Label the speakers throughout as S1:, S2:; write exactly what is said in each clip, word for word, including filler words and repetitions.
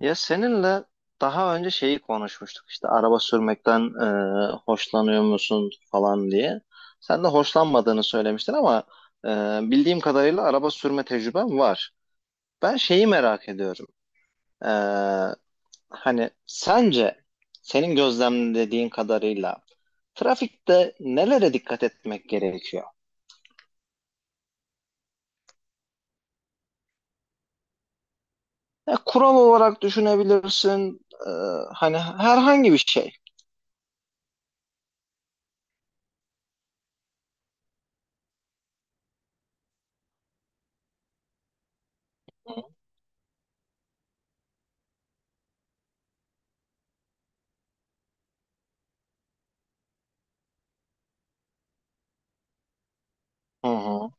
S1: Ya seninle daha önce şeyi konuşmuştuk işte araba sürmekten e, hoşlanıyor musun falan diye. Sen de hoşlanmadığını söylemiştin ama e, bildiğim kadarıyla araba sürme tecrüben var. Ben şeyi merak ediyorum. E, Hani sence senin gözlemlediğin kadarıyla trafikte nelere dikkat etmek gerekiyor? Ya, kural olarak düşünebilirsin, e, hani herhangi bir şey. Hı hı.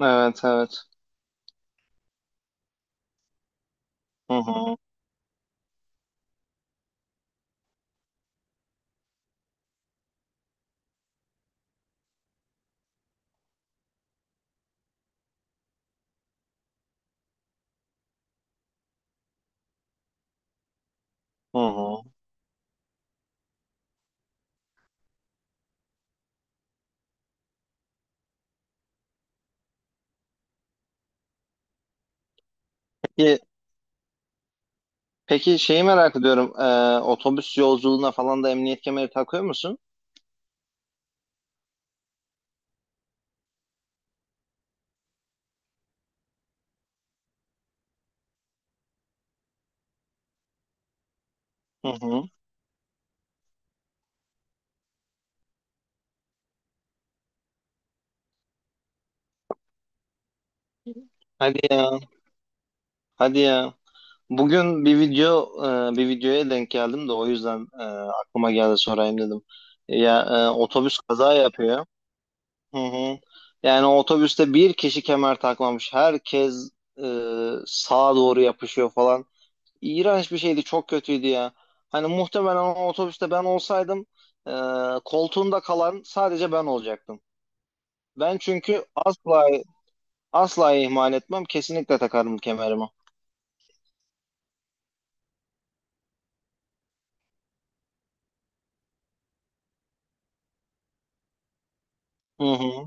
S1: Evet, evet. Hı hı. Hı hı. Peki. Peki, şeyi merak ediyorum. Ee, otobüs yolculuğuna falan da emniyet kemeri takıyor musun? Hı hı. Hadi ya. Hadi ya. Bugün bir video, e, bir videoya denk geldim de o yüzden e, aklıma geldi, sorayım dedim. Ya, e, otobüs kaza yapıyor. Hı hı. Yani otobüste bir kişi kemer takmamış. Herkes e, sağa doğru yapışıyor falan. İğrenç bir şeydi, çok kötüydü ya. Hani muhtemelen o otobüste ben olsaydım, e, koltuğunda kalan sadece ben olacaktım. Ben çünkü asla asla ihmal etmem. Kesinlikle takarım kemerimi. Hı hı,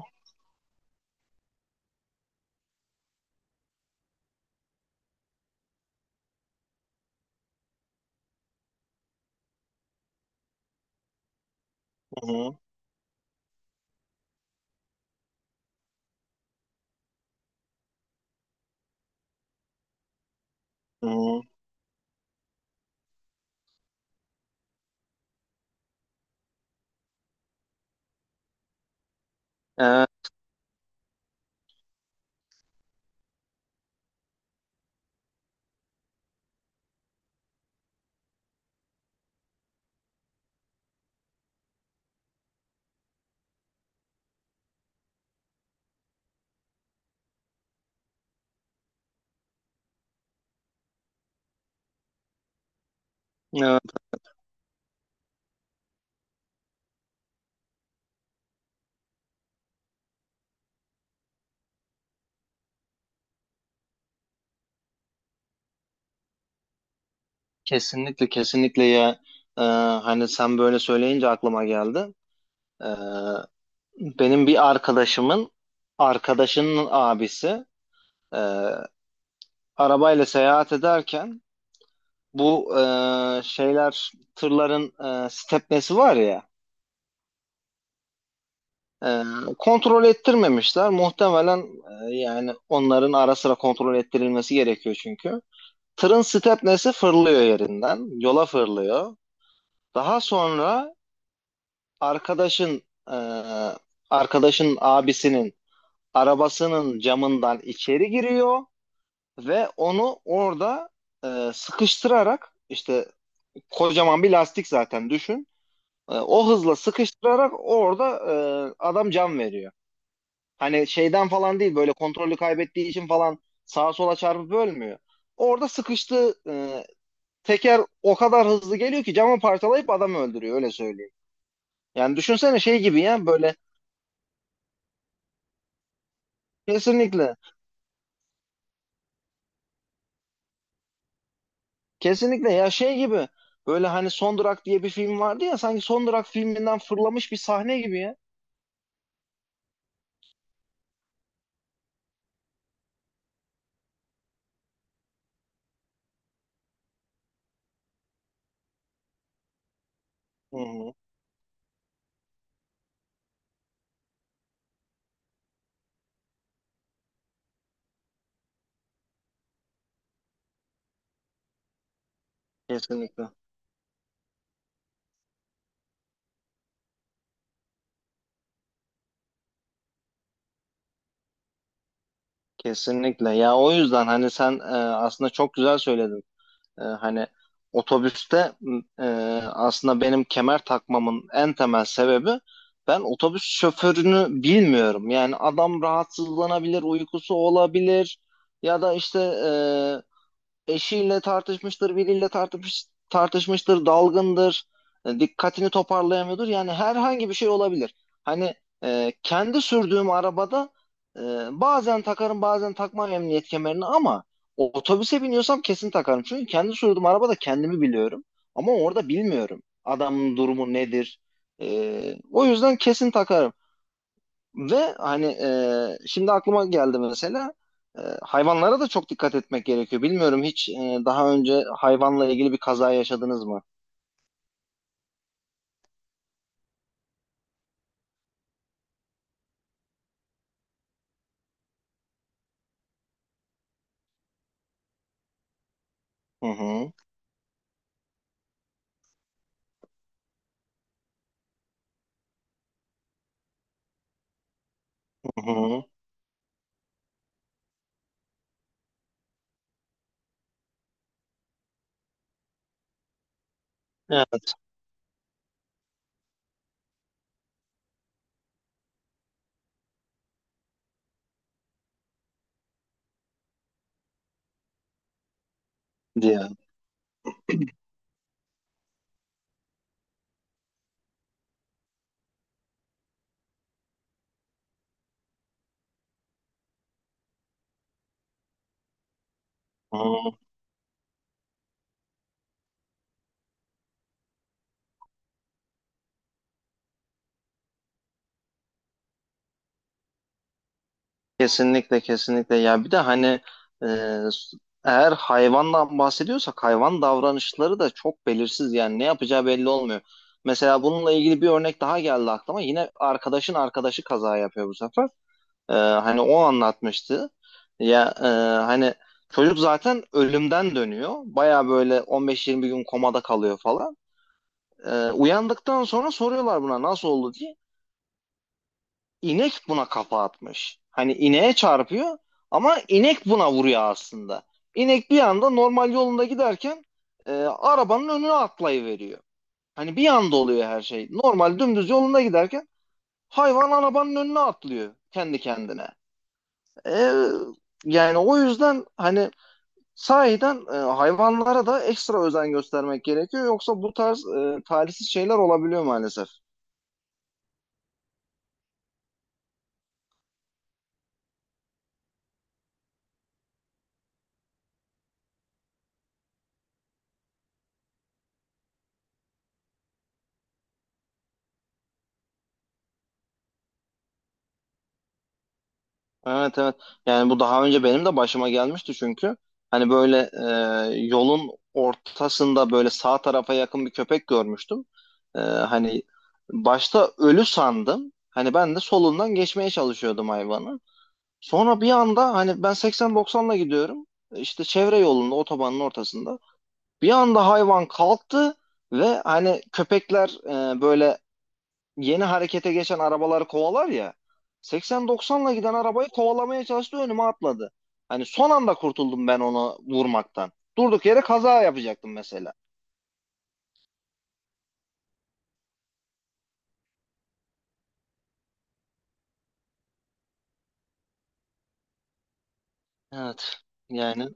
S1: hı hı. Hı hı. Evet, evet, kesinlikle, kesinlikle ya. Ee, Hani sen böyle söyleyince aklıma geldi. Ee, Benim bir arkadaşımın arkadaşının abisi e, arabayla seyahat ederken bu, e, şeyler, tırların e, stepnesi var ya. Ee, Kontrol ettirmemişler. Muhtemelen, e, yani onların ara sıra kontrol ettirilmesi gerekiyor çünkü. Tırın stepnesi fırlıyor yerinden. Yola fırlıyor. Daha sonra arkadaşın, e, arkadaşın abisinin arabasının camından içeri giriyor ve onu orada e, sıkıştırarak, işte kocaman bir lastik zaten, düşün. E, o hızla sıkıştırarak orada e, adam can veriyor. Hani şeyden falan değil, böyle kontrolü kaybettiği için falan sağa sola çarpıp ölmüyor. Orada sıkıştı, e, teker o kadar hızlı geliyor ki camı parçalayıp adamı öldürüyor, öyle söyleyeyim. Yani düşünsene, şey gibi ya, böyle kesinlikle, kesinlikle ya, şey gibi böyle. Hani Son Durak diye bir film vardı ya, sanki Son Durak filminden fırlamış bir sahne gibi ya. Hı hı. Kesinlikle, kesinlikle ya, o yüzden hani sen e, aslında çok güzel söyledin. E, hani otobüste, e, aslında benim kemer takmamın en temel sebebi, ben otobüs şoförünü bilmiyorum. Yani adam rahatsızlanabilir, uykusu olabilir ya da işte e, eşiyle tartışmıştır, biriyle tartışmış, tartışmıştır, dalgındır, e, dikkatini toparlayamıyordur. Yani herhangi bir şey olabilir. Hani e, kendi sürdüğüm arabada e, bazen takarım, bazen takmam emniyet kemerini, ama o- otobüse biniyorsam kesin takarım. Çünkü kendi sürdüğüm arabada kendimi biliyorum, ama orada bilmiyorum adamın durumu nedir. E, o yüzden kesin takarım. Ve hani, e, şimdi aklıma geldi mesela, e, hayvanlara da çok dikkat etmek gerekiyor. Bilmiyorum, hiç e, daha önce hayvanla ilgili bir kaza yaşadınız mı? Hı hı, hı hı. Evet, diye. Hı. Kesinlikle, kesinlikle. Ya bir de hani e, eğer hayvandan bahsediyorsak, hayvan davranışları da çok belirsiz. Yani ne yapacağı belli olmuyor. Mesela bununla ilgili bir örnek daha geldi aklıma. Yine arkadaşın arkadaşı kaza yapıyor bu sefer. Ee, hani o anlatmıştı. Ya, e, hani çocuk zaten ölümden dönüyor. Baya böyle on beş yirmi gün komada kalıyor falan. Ee, uyandıktan sonra soruyorlar buna, nasıl oldu diye. İnek buna kafa atmış. Hani ineğe çarpıyor ama inek buna vuruyor aslında. İnek bir anda normal yolunda giderken e, arabanın önüne atlayıveriyor. Hani bir anda oluyor her şey. Normal dümdüz yolunda giderken hayvan arabanın önüne atlıyor kendi kendine. E, Yani o yüzden hani sahiden e, hayvanlara da ekstra özen göstermek gerekiyor. Yoksa bu tarz e, talihsiz şeyler olabiliyor maalesef. Evet, evet. Yani bu daha önce benim de başıma gelmişti çünkü. Hani böyle e, yolun ortasında, böyle sağ tarafa yakın bir köpek görmüştüm. E, hani başta ölü sandım. Hani ben de solundan geçmeye çalışıyordum hayvanı. Sonra bir anda, hani ben seksen doksanla gidiyorum. İşte çevre yolunda, otobanın ortasında. Bir anda hayvan kalktı ve hani köpekler e, böyle yeni harekete geçen arabaları kovalar ya. seksen doksanla giden arabayı kovalamaya çalıştı, önüme atladı. Hani son anda kurtuldum ben onu vurmaktan. Durduk yere kaza yapacaktım mesela. Evet. Yani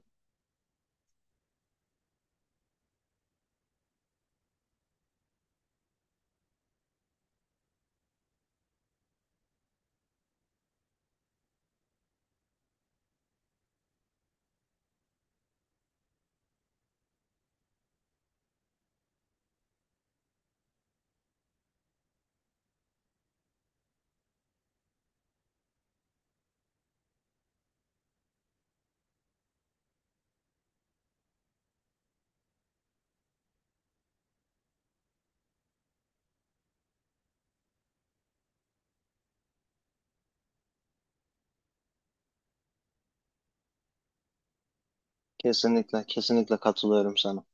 S1: kesinlikle, kesinlikle katılıyorum sana.